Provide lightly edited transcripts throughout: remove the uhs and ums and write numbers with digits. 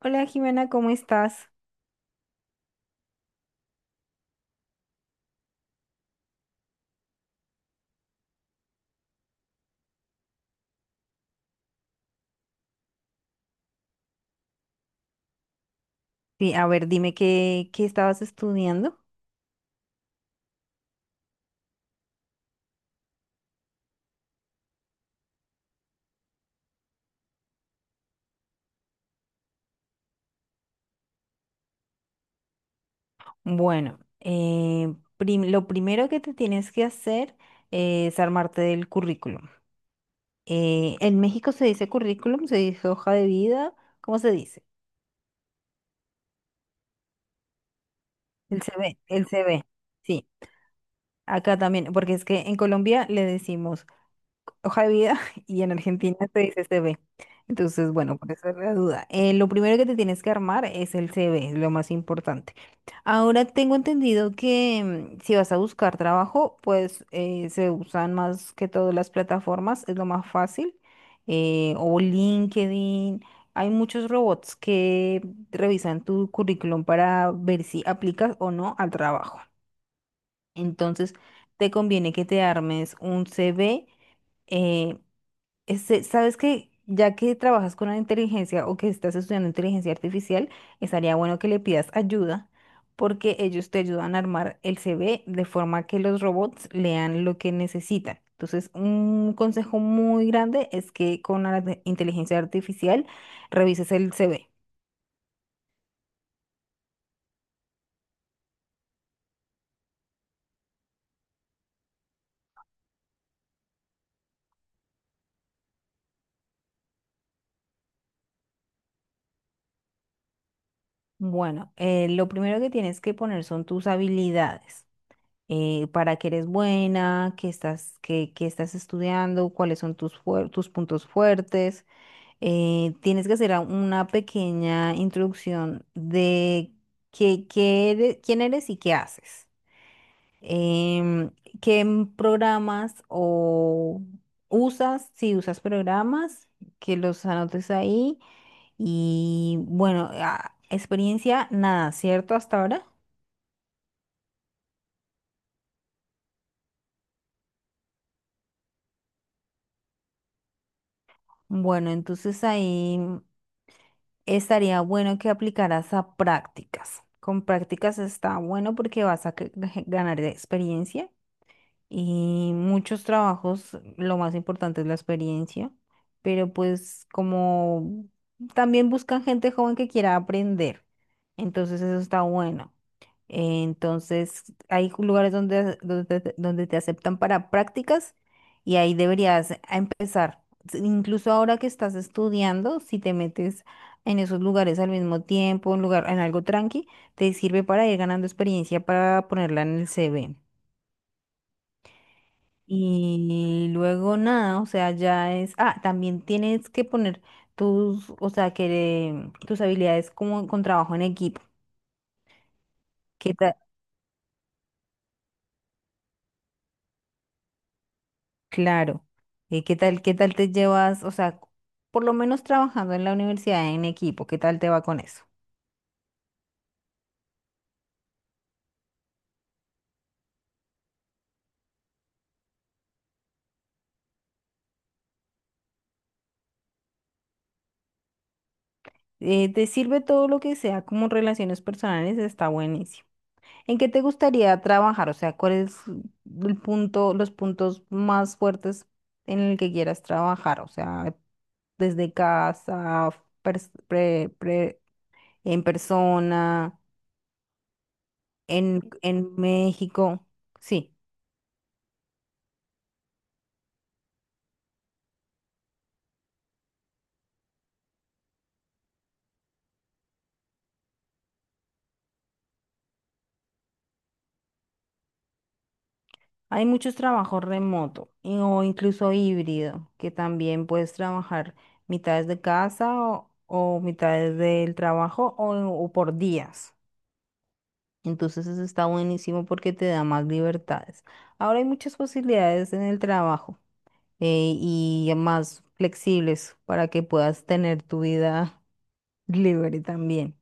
Hola Jimena, ¿cómo estás? Sí, a ver, dime qué estabas estudiando. Bueno, lo primero que te tienes que hacer es armarte del currículum. En México se dice currículum, se dice hoja de vida, ¿cómo se dice? El CV, el CV, sí. Acá también, porque es que en Colombia le decimos hoja de vida y en Argentina se dice CV. Entonces, bueno, por eso es la duda. Lo primero que te tienes que armar es el CV, es lo más importante. Ahora tengo entendido que si vas a buscar trabajo, pues se usan más que todas las plataformas, es lo más fácil. O LinkedIn. Hay muchos robots que revisan tu currículum para ver si aplicas o no al trabajo. Entonces, te conviene que te armes un CV. Este, ¿sabes que Ya que trabajas con la inteligencia o que estás estudiando inteligencia artificial, estaría bueno que le pidas ayuda porque ellos te ayudan a armar el CV de forma que los robots lean lo que necesitan. Entonces, un consejo muy grande es que con la inteligencia artificial revises el CV. Bueno, lo primero que tienes que poner son tus habilidades. Para qué eres buena, qué estás, qué estás estudiando, cuáles son tus, tus puntos fuertes. Tienes que hacer una pequeña introducción de qué, quién eres y qué haces. Em, ¿Qué programas o usas? Si usas programas, que los anotes ahí. Y bueno, experiencia, nada, ¿cierto? Hasta ahora. Bueno, entonces ahí estaría bueno que aplicaras a prácticas. Con prácticas está bueno porque vas a ganar experiencia. Y muchos trabajos, lo más importante es la experiencia, pero pues como también buscan gente joven que quiera aprender, entonces eso está bueno. Entonces hay lugares donde, donde te aceptan para prácticas y ahí deberías a empezar. Incluso ahora que estás estudiando, si te metes en esos lugares al mismo tiempo, en lugar, en algo tranqui, te sirve para ir ganando experiencia para ponerla en el CV. Y luego nada, o sea, ya es, ah, también tienes que poner tus, o sea, que tus habilidades como con trabajo en equipo. ¿Qué tal? Claro. ¿Qué tal, qué tal te llevas? O sea, por lo menos trabajando en la universidad en equipo, ¿qué tal te va con eso? ¿Te sirve todo lo que sea como relaciones personales? Está buenísimo. ¿En qué te gustaría trabajar? O sea, ¿cuál es el punto, los puntos más fuertes en el que quieras trabajar? O sea, desde casa, pers- pre- pre- en persona, en México. Sí, hay muchos trabajos remoto o incluso híbrido, que también puedes trabajar mitades de casa o mitades del trabajo o por días. Entonces eso está buenísimo porque te da más libertades. Ahora hay muchas posibilidades en el trabajo, y más flexibles para que puedas tener tu vida libre también.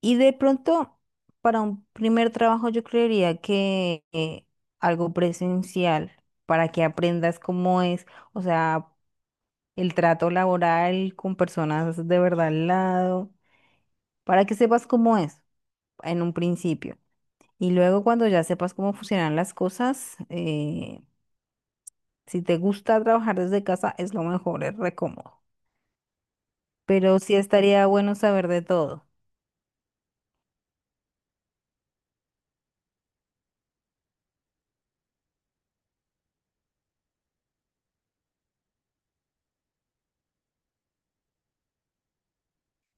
Y de pronto, para un primer trabajo, yo creería que algo presencial, para que aprendas cómo es, o sea, el trato laboral con personas de verdad al lado, para que sepas cómo es en un principio. Y luego cuando ya sepas cómo funcionan las cosas, si te gusta trabajar desde casa, es lo mejor, es re cómodo. Pero sí estaría bueno saber de todo.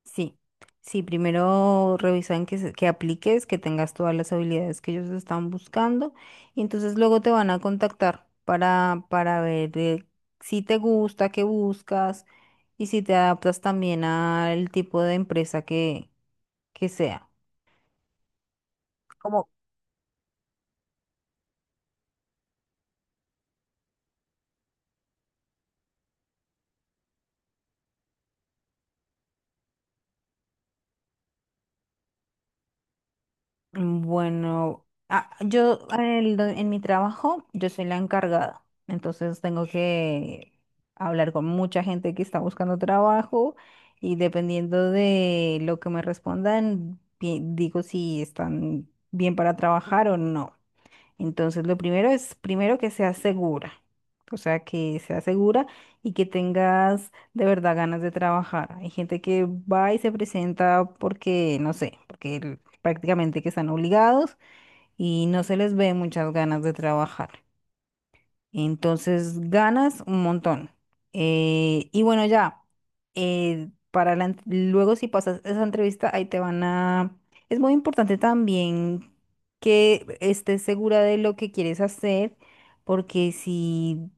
Sí, sí, primero revisan que, que apliques, que tengas todas las habilidades que ellos están buscando y entonces luego te van a contactar para ver si te gusta, qué buscas y si te adaptas también al tipo de empresa que sea. Bueno, ah, yo en mi trabajo, yo soy la encargada, entonces tengo que hablar con mucha gente que está buscando trabajo y dependiendo de lo que me respondan, digo si están bien para trabajar o no. Entonces, lo primero es, primero que sea segura, o sea, que sea segura y que tengas de verdad ganas de trabajar. Hay gente que va y se presenta porque, no sé, porque prácticamente que están obligados y no se les ve muchas ganas de trabajar. Entonces ganas un montón. Y bueno, ya, para la luego si pasas esa entrevista, ahí te van a... Es muy importante también que estés segura de lo que quieres hacer, porque si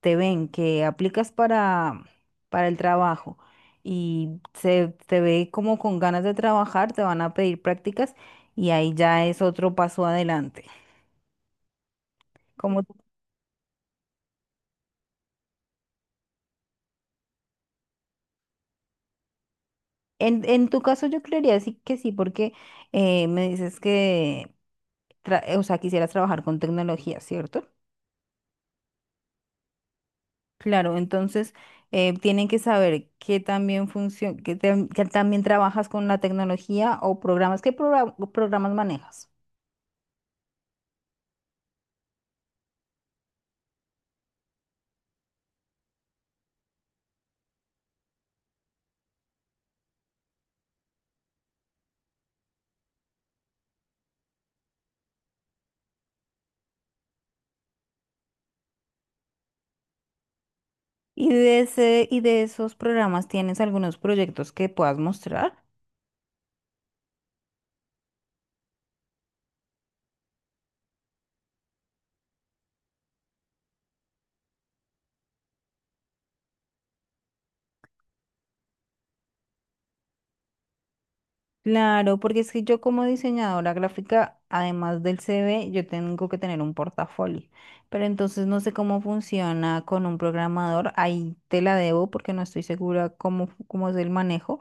te ven que aplicas para el trabajo y se te ve como con ganas de trabajar, te van a pedir prácticas y ahí ya es otro paso adelante. En tu caso yo creería sí que sí, porque me dices que, o sea, quisieras trabajar con tecnología, ¿cierto? Claro, entonces tienen que saber que también funciona, que, que también trabajas con la tecnología o programas, ¿qué programas manejas? Y de ese, y de esos programas, ¿tienes algunos proyectos que puedas mostrar? Claro, porque es que yo como diseñadora gráfica, además del CV, yo tengo que tener un portafolio. Pero entonces no sé cómo funciona con un programador. Ahí te la debo porque no estoy segura cómo, cómo es el manejo.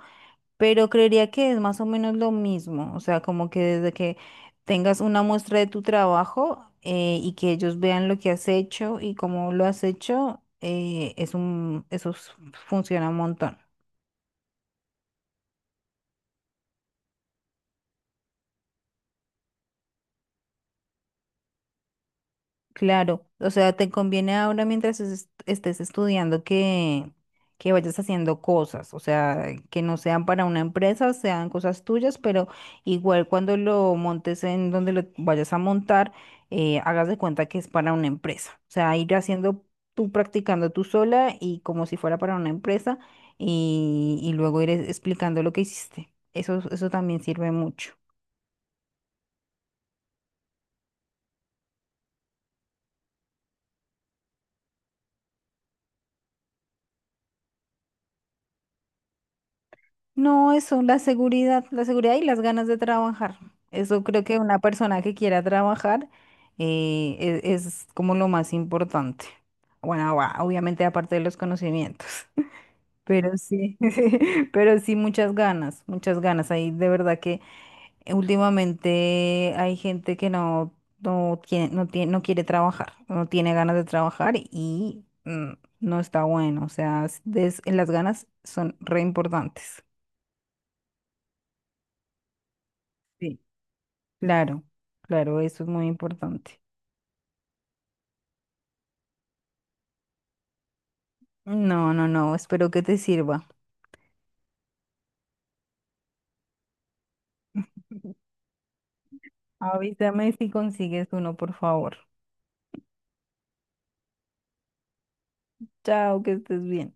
Pero creería que es más o menos lo mismo. O sea, como que desde que tengas una muestra de tu trabajo, y que ellos vean lo que has hecho y cómo lo has hecho, es un, funciona un montón. Claro, o sea, te conviene ahora mientras estés estudiando que vayas haciendo cosas, o sea, que no sean para una empresa, sean cosas tuyas, pero igual cuando lo montes en donde lo vayas a montar, hagas de cuenta que es para una empresa, o sea, ir haciendo tú practicando tú sola y como si fuera para una empresa y luego ir explicando lo que hiciste. Eso también sirve mucho. No, eso, la seguridad y las ganas de trabajar. Eso creo que una persona que quiera trabajar, es, como lo más importante. Bueno, va, obviamente aparte de los conocimientos, pero sí, pero sí muchas ganas, muchas ganas. Ahí de verdad que últimamente hay gente que no, no tiene, no tiene, no quiere trabajar, no tiene ganas de trabajar y no está bueno. O sea, las ganas son re importantes. Sí. Claro, claro, eso es muy importante. No, no, no, espero que te sirva. Avísame si consigues uno, por favor. Chao, que estés bien.